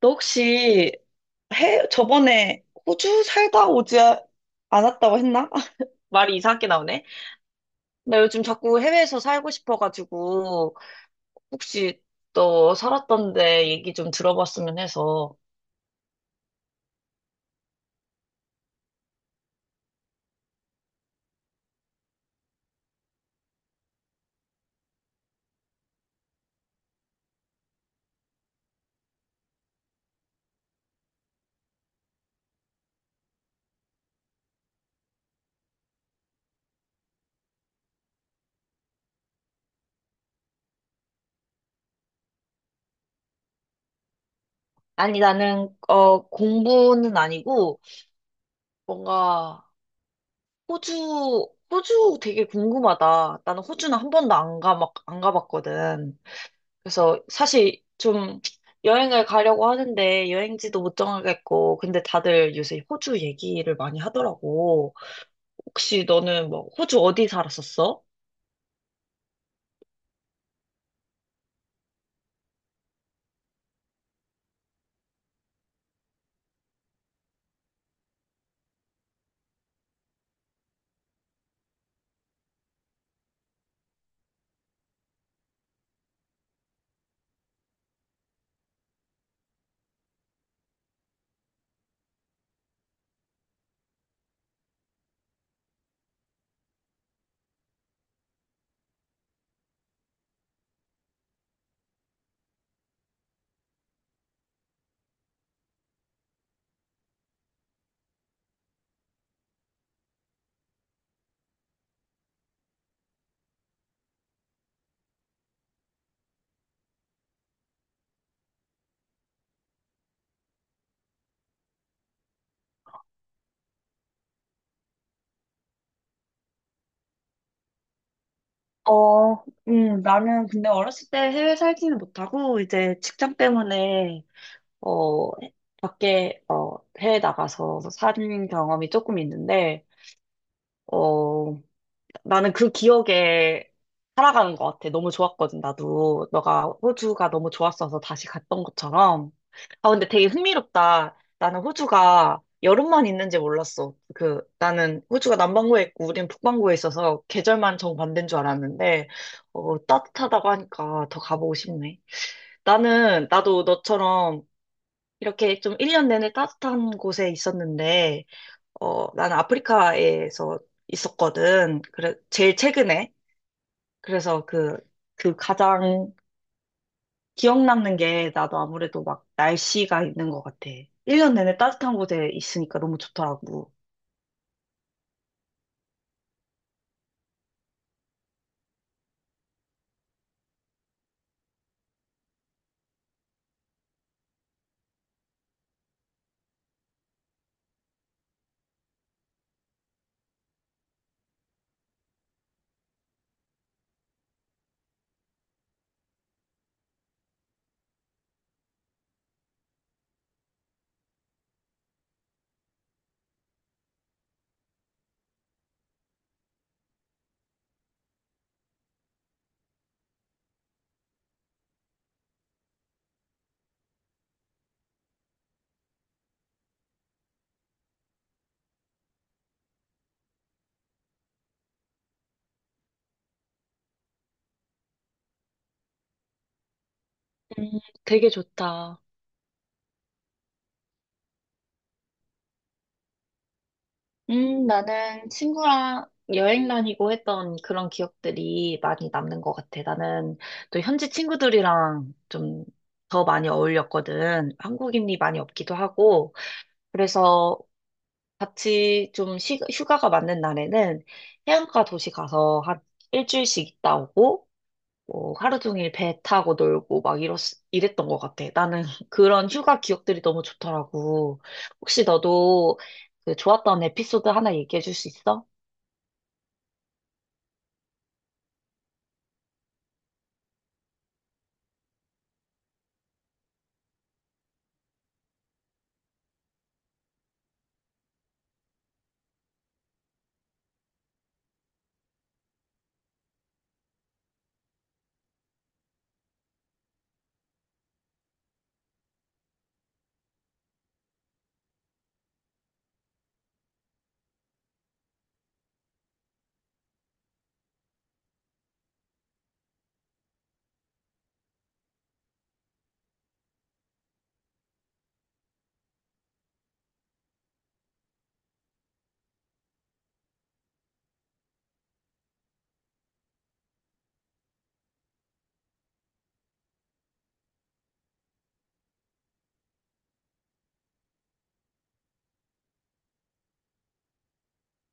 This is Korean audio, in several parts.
너 혹시 저번에 호주 살다 오지 않았다고 했나? 말이 이상하게 나오네. 나 요즘 자꾸 해외에서 살고 싶어가지고, 혹시 너 살았던 데 얘기 좀 들어봤으면 해서. 아니, 나는, 공부는 아니고, 뭔가, 호주 되게 궁금하다. 나는 호주는 한 번도 안 가, 막, 안 가봤거든. 그래서 사실 좀 여행을 가려고 하는데 여행지도 못 정하겠고, 근데 다들 요새 호주 얘기를 많이 하더라고. 혹시 너는 뭐 호주 어디 살았었어? 어, 나는 근데 어렸을 때 해외 살지는 못하고, 이제 직장 때문에 어, 해외 나가서 산 경험이 조금 있는데, 어, 나는 그 기억에 살아가는 것 같아. 너무 좋았거든, 나도. 너가 호주가 너무 좋았어서 다시 갔던 것처럼. 아, 근데 되게 흥미롭다. 나는 호주가 여름만 있는지 몰랐어. 나는 호주가 남반구에 있고 우린 북반구에 있어서 계절만 정반대인 줄 알았는데, 따뜻하다고 하니까 더 가보고 싶네. 나도 너처럼 이렇게 좀 1년 내내 따뜻한 곳에 있었는데, 나는 아프리카에서 있었거든. 그래, 제일 최근에. 그래서 그 가장 기억 남는 게 나도 아무래도 막 날씨가 있는 것 같아. 1년 내내 따뜻한 곳에 있으니까 너무 좋더라고. 음, 되게 좋다. 나는 친구랑 여행 다니고 했던 그런 기억들이 많이 남는 것 같아. 나는 또 현지 친구들이랑 좀 더 많이 어울렸거든. 한국인이 많이 없기도 하고. 그래서 같이 좀 휴가가 맞는 날에는 해안가 도시 가서 한 일주일씩 있다 오고, 뭐 하루 종일 배 타고 놀고 막 이랬던 것 같아. 나는 그런 휴가 기억들이 너무 좋더라고. 혹시 너도 그 좋았던 에피소드 하나 얘기해 줄 수 있어?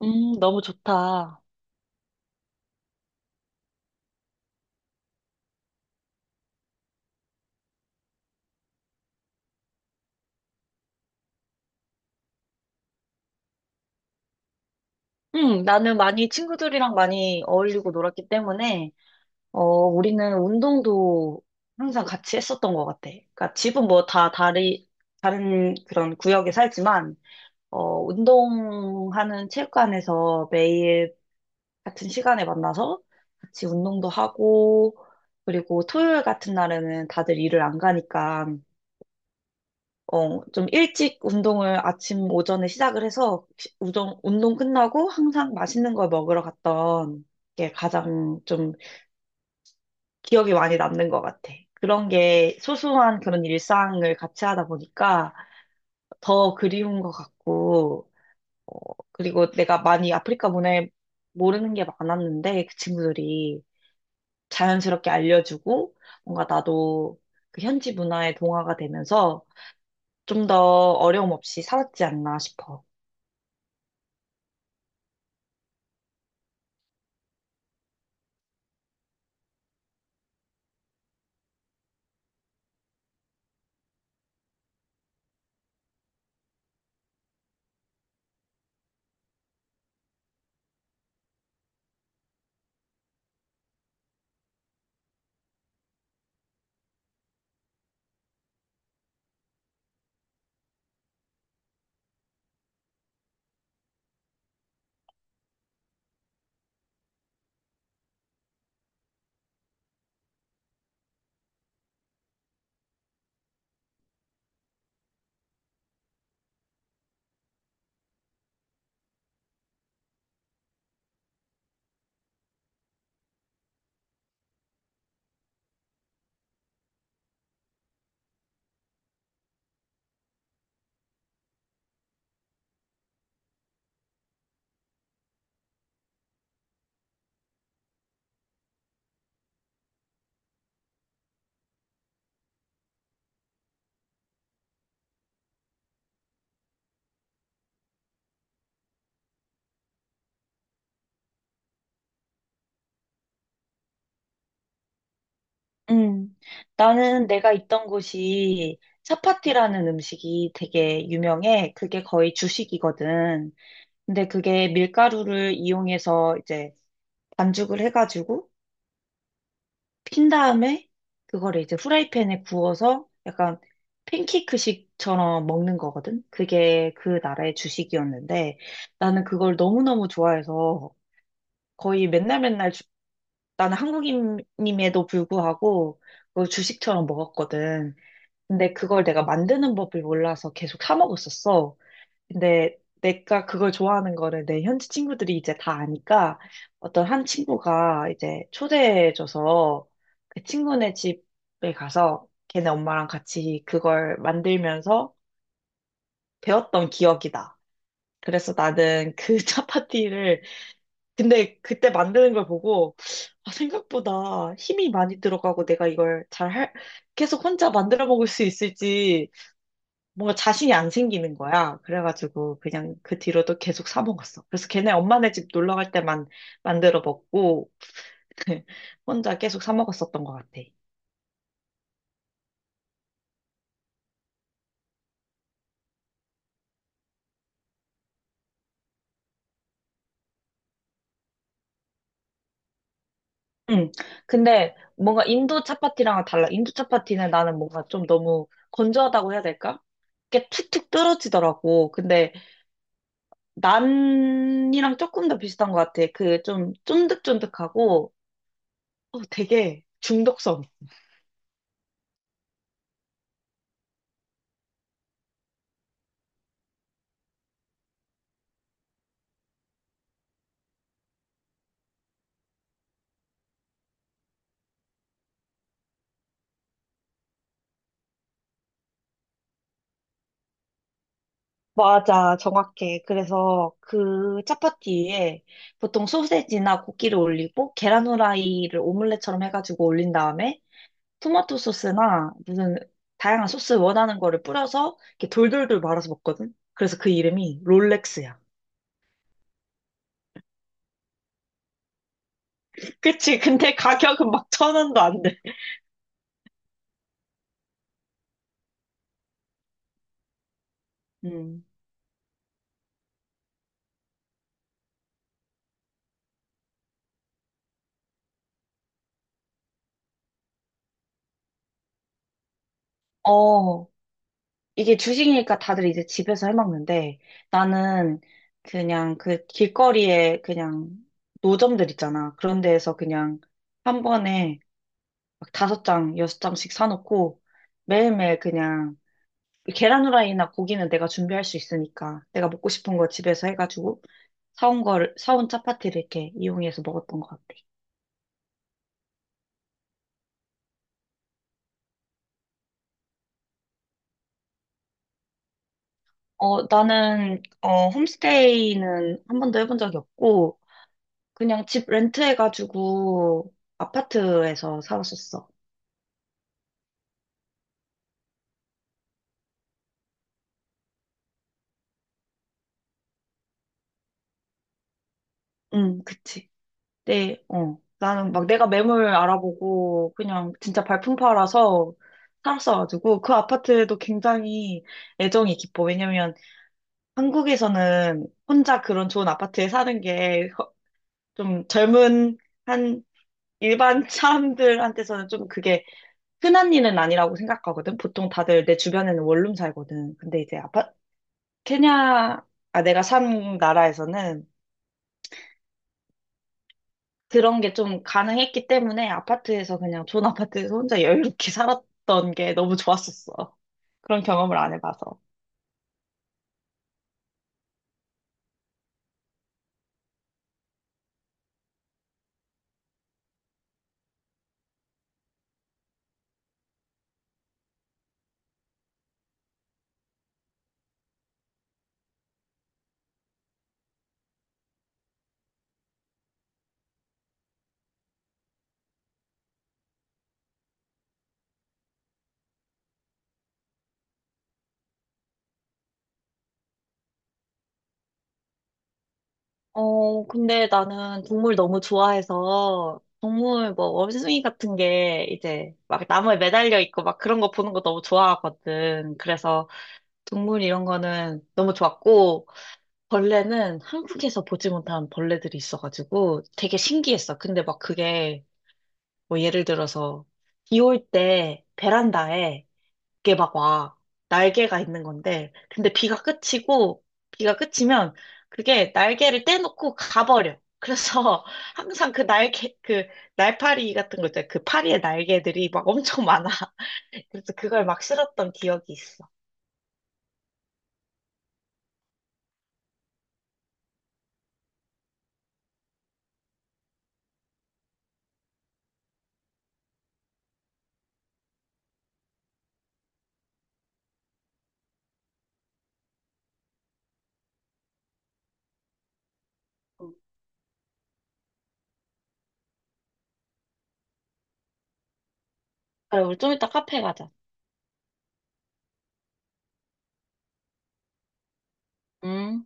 너무 좋다. 나는 많이 친구들이랑 많이 어울리고 놀았기 때문에 우리는 운동도 항상 같이 했었던 것 같아. 그러니까 집은 뭐 다른 그런 구역에 살지만, 운동하는 체육관에서 매일 같은 시간에 만나서 같이 운동도 하고, 그리고 토요일 같은 날에는 다들 일을 안 가니까, 좀 일찍 운동을 아침 오전에 시작을 해서 운동 끝나고 항상 맛있는 걸 먹으러 갔던 게 가장 좀 기억이 많이 남는 것 같아. 그런 게 소소한 그런 일상을 같이 하다 보니까 더 그리운 것 같고, 어, 그리고 내가 많이 아프리카 문화에 모르는 게 많았는데 그 친구들이 자연스럽게 알려주고 뭔가 나도 그 현지 문화에 동화가 되면서 좀 더 어려움 없이 살았지 않나 싶어. 음, 나는 내가 있던 곳이 차파티라는 음식이 되게 유명해. 그게 거의 주식이거든. 근데 그게 밀가루를 이용해서 이제 반죽을 해가지고 핀 다음에 그거를 이제 후라이팬에 구워서 약간 팬케이크식처럼 먹는 거거든? 그게 그 나라의 주식이었는데 나는 그걸 너무너무 좋아해서 거의 맨날 맨날 나는 한국인임에도 불구하고 그걸 주식처럼 먹었거든. 근데 그걸 내가 만드는 법을 몰라서 계속 사 먹었었어. 근데 내가 그걸 좋아하는 거를 내 현지 친구들이 이제 다 아니까 어떤 한 친구가 이제 초대해줘서 그 친구네 집에 가서 걔네 엄마랑 같이 그걸 만들면서 배웠던 기억이다. 그래서 나는 그 차파티를 근데 그때 만드는 걸 보고 아, 생각보다 힘이 많이 들어가고 내가 이걸 계속 혼자 만들어 먹을 수 있을지 뭔가 자신이 안 생기는 거야. 그래가지고 그냥 그 뒤로도 계속 사 먹었어. 그래서 걔네 엄마네 집 놀러 갈 때만 만들어 먹고 혼자 계속 사 먹었었던 것 같아. 응. 근데 뭔가 인도 차파티랑은 달라. 인도 차파티는 나는 뭔가 좀 너무 건조하다고 해야 될까? 이게 툭툭 떨어지더라고. 근데 난이랑 조금 더 비슷한 것 같아. 그 좀 쫀득쫀득하고 되게 중독성. 맞아, 정확해. 그래서 그 차파티에 보통 소세지나 고기를 올리고 계란 후라이를 오믈렛처럼 해가지고 올린 다음에 토마토 소스나 무슨 다양한 소스 원하는 거를 뿌려서 이렇게 돌돌돌 말아서 먹거든. 그래서 그 이름이 롤렉스야. 그치? 근데 가격은 막 천 원도 안 돼. 음. 어, 이게 주식이니까 다들 이제 집에서 해먹는데 나는 그냥 그 길거리에 그냥 노점들 있잖아. 그런 데에서 그냥 한 번에 막 다섯 장, 여섯 장씩 사놓고 매일매일 그냥 계란 후라이나 고기는 내가 준비할 수 있으니까 내가 먹고 싶은 거 집에서 해가지고 사온 차파티를 이렇게 이용해서 먹었던 것 같아. 나는, 홈스테이는 한 번도 해본 적이 없고, 그냥 집 렌트해가지고 아파트에서 살았었어. 응, 그치. 네, 어. 나는 막 내가 매물 알아보고 그냥 진짜 발품 팔아서 살았어가지고 그 아파트도 굉장히 애정이 깊어. 왜냐면 한국에서는 혼자 그런 좋은 아파트에 사는 게 좀 젊은 한 일반 사람들한테서는 좀 그게 흔한 일은 아니라고 생각하거든. 보통 다들 내 주변에는 원룸 살거든. 근데 이제 케냐, 아, 내가 산 나라에서는 그런 게 좀 가능했기 때문에 아파트에서 그냥 존 아파트에서 혼자 여유롭게 살았던 게 너무 좋았었어. 그런 경험을 안 해봐서. 근데 나는 동물 너무 좋아해서 동물 뭐 원숭이 같은 게 이제 막 나무에 매달려 있고 막 그런 거 보는 거 너무 좋아하거든. 그래서 동물 이런 거는 너무 좋았고 벌레는 한국에서 보지 못한 벌레들이 있어가지고 되게 신기했어. 근데 막 그게 뭐 예를 들어서 비올 때 베란다에 이게 막 와. 날개가 있는 건데 근데 비가 그치면 그게 날개를 떼놓고 가버려. 그래서 항상 그 날개 그 날파리 같은 거 있잖아. 그 파리의 날개들이 막 엄청 많아. 그래서 그걸 막 실었던 기억이 있어. 그래, 우리 좀 이따 카페 가자. 음.